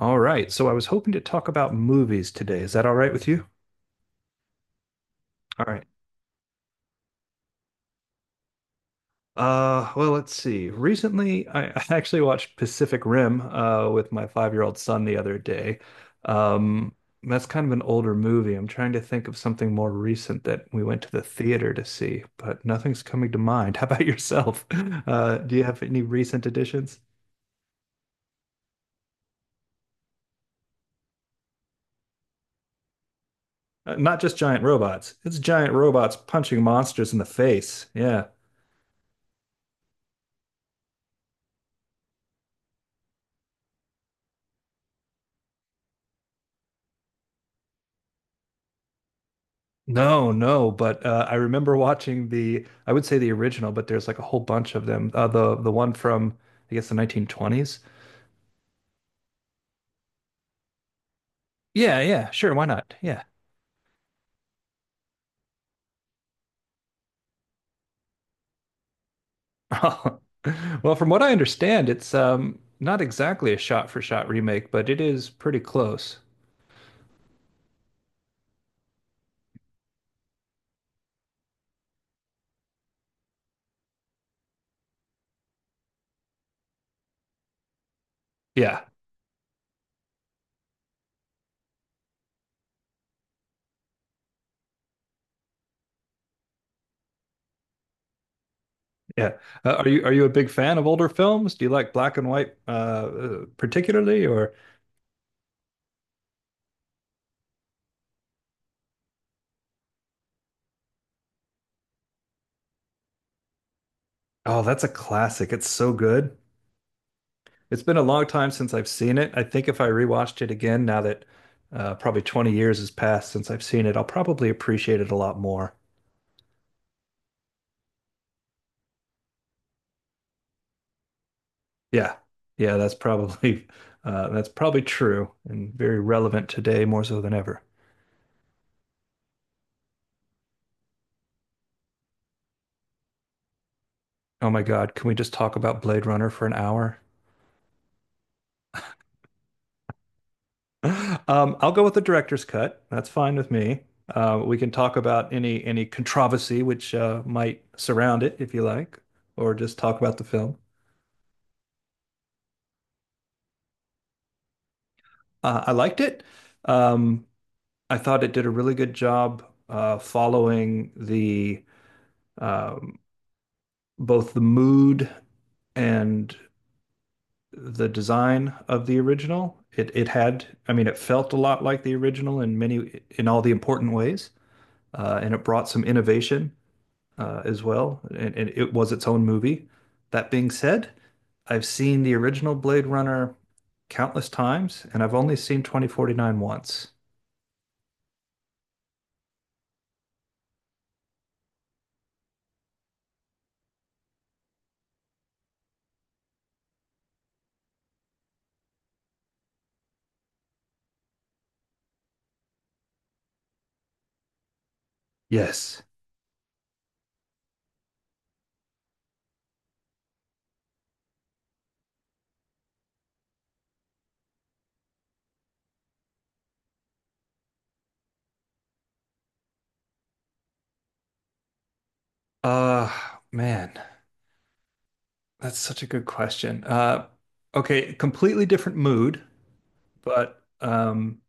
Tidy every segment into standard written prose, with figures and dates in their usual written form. All right. So I was hoping to talk about movies today. Is that all right with you? All right. Well, let's see. Recently, I I actually watched Pacific Rim with my five-year-old son the other day. Um, that's kind of an older movie. I'm trying to think of something more recent that we went to the theater to see, but nothing's coming to mind. How about yourself? Do you have any recent additions? Not just giant robots. It's giant robots punching monsters in the face. Yeah. No, no, but I remember watching the, I would say the original, but there's like a whole bunch of them. The one from, I guess, the 1920s. Yeah, yeah, sure, why not? Yeah. Well, from what I understand, it's not exactly a shot for shot remake, but it is pretty close. Yeah, yeah. Are you a big fan of older films? Do you like black and white, particularly, or oh, that's a classic. It's so good. It's been a long time since I've seen it. I think if I rewatched it again, now that probably 20 years has passed since I've seen it, I'll probably appreciate it a lot more. Yeah. Yeah, that's probably that's probably true and very relevant today more so than ever. Oh my God, can we just talk about Blade Runner for an hour? I'll go with the director's cut. That's fine with me. We can talk about any controversy which might surround it if you like, or just talk about the film. I liked it. Um, I thought it did a really good job following the um, both the mood and the design of the original. It had, I mean, it felt a lot like the original in many in all the important ways, and it brought some innovation as well, and it was its own movie. That being said, I've seen the original Blade Runner countless times, and I've only seen 2049 once. Yes. Uh, Man. That's such a good question. Okay, completely different mood, but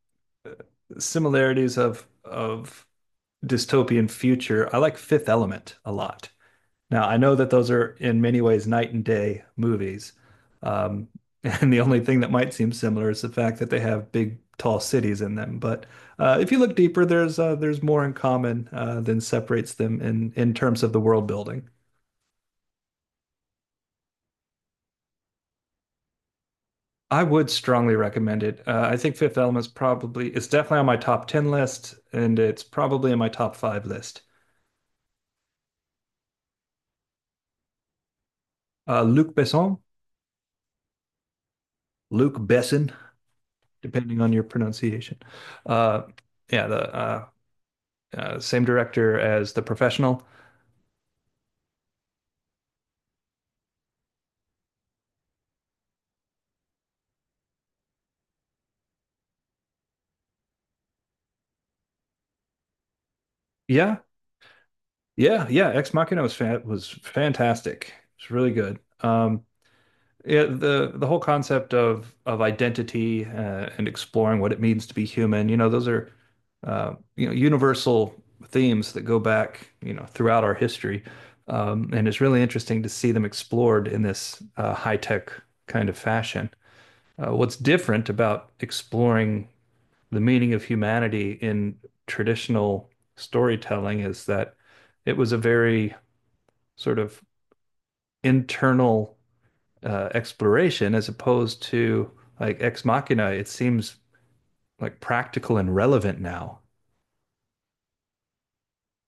similarities of dystopian future. I like Fifth Element a lot. Now, I know that those are in many ways night and day movies, um, and the only thing that might seem similar is the fact that they have big, tall cities in them. But if you look deeper, there's more in common than separates them in terms of the world building. I would strongly recommend it. I think Fifth Element's probably it's definitely on my top ten list, and it's probably in my top five list. Luc Besson, Luc Besson, depending on your pronunciation. Uh, yeah, the same director as The Professional. Yeah, yeah, yeah. Ex Machina was fantastic. It's really good. Yeah, the whole concept of identity, and exploring what it means to be human, you know, those are you know universal themes that go back, you know, throughout our history, and it's really interesting to see them explored in this high tech kind of fashion. What's different about exploring the meaning of humanity in traditional storytelling is that it was a very sort of internal exploration as opposed to like Ex Machina. It seems like practical and relevant now.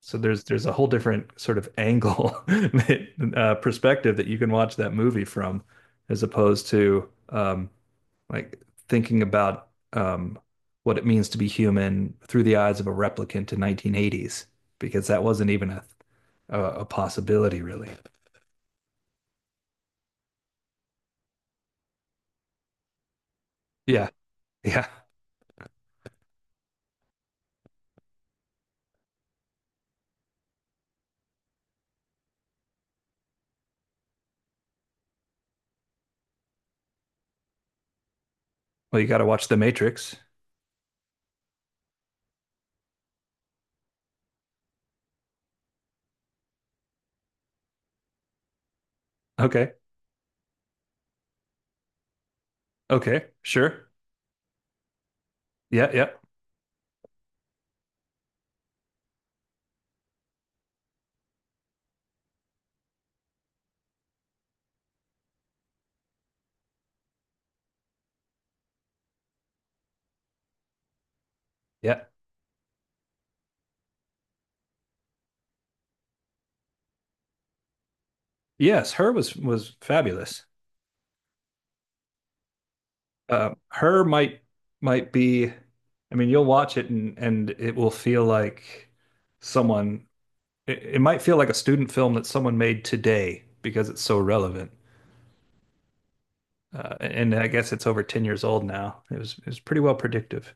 So there's a whole different sort of angle perspective that you can watch that movie from, as opposed to like thinking about, um, what it means to be human through the eyes of a replicant in 1980s, because that wasn't even a possibility really. Yeah, yeah. Well, you got to watch The Matrix. Okay, okay, sure. Yeah, yeah, yeah. Yes, her was fabulous. Her might be, I mean, you'll watch it and it will feel like someone. It might feel like a student film that someone made today because it's so relevant. And I guess it's over 10 years old now. It was pretty well predictive.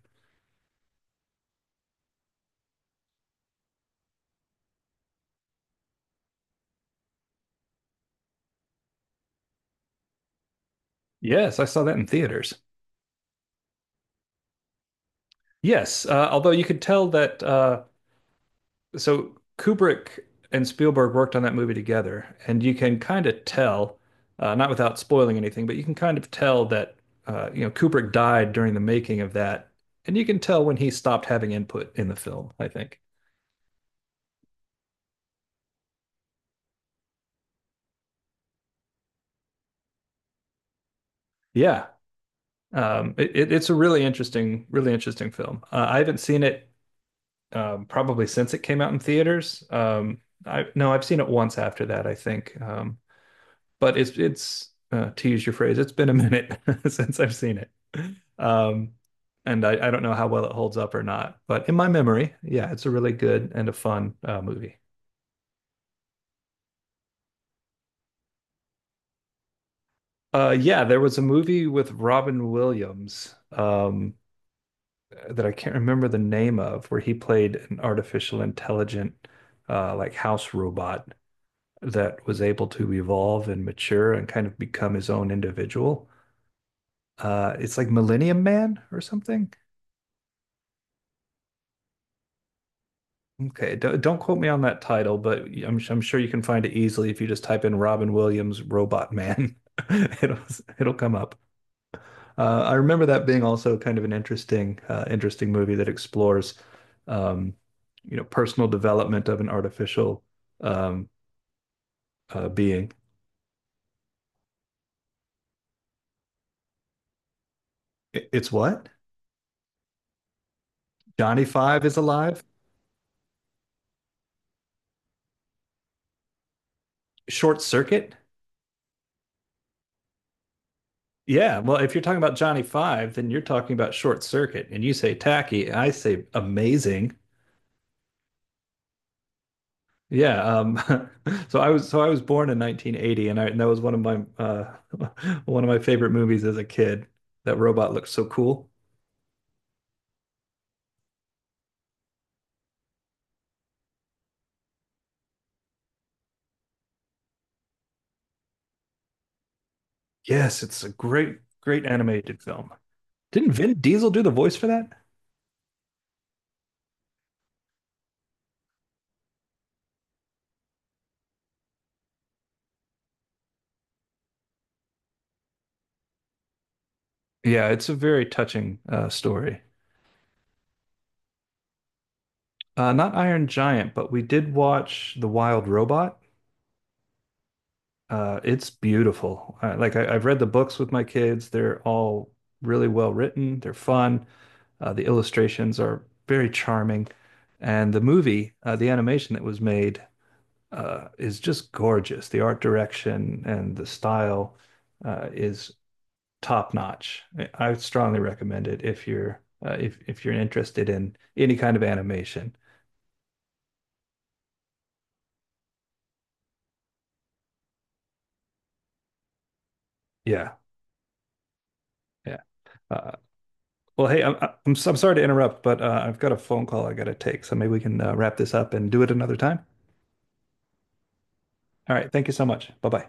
Yes, I saw that in theaters. Yes, although you could tell that, so Kubrick and Spielberg worked on that movie together, and you can kind of tell, not without spoiling anything, but you can kind of tell that you know Kubrick died during the making of that, and you can tell when he stopped having input in the film, I think. Yeah, it's a really interesting film. I haven't seen it probably since it came out in theaters. I no, I've seen it once after that, I think. But it's to use your phrase, it's been a minute since I've seen it. Um, and I don't know how well it holds up or not, but in my memory, yeah, it's a really good and a fun movie. Yeah, there was a movie with Robin Williams, that I can't remember the name of, where he played an artificial intelligent, like house robot that was able to evolve and mature and kind of become his own individual. It's like Millennium Man or something. Okay, don't quote me on that title, but I'm sure you can find it easily if you just type in Robin Williams Robot Man. It'll it'll come up. I remember that being also kind of an interesting interesting movie that explores, um, you know, personal development of an artificial, um, being. I- It's what? Johnny Five is alive? Short Circuit? Yeah, well, if you're talking about Johnny Five, then you're talking about Short Circuit, and you say tacky, I say amazing. Yeah, so I was born in 1980, and I and that was one of my, one of my favorite movies as a kid. That robot looked so cool. Yes, it's a great great animated film. Didn't Vin Diesel do the voice for that? Yeah, it's a very touching story. Not Iron Giant, but we did watch The Wild Robot. It's beautiful. Like I've read the books with my kids. They're all really well written. They're fun. The illustrations are very charming, and the movie, the animation that was made, is just gorgeous. The art direction and the style, is top notch. I would strongly recommend it if you're interested in any kind of animation. Yeah, yeah. Uh, Well, hey, I'm sorry to interrupt, but I've got a phone call I got to take, so maybe we can wrap this up and do it another time. All right, thank you so much. Bye bye.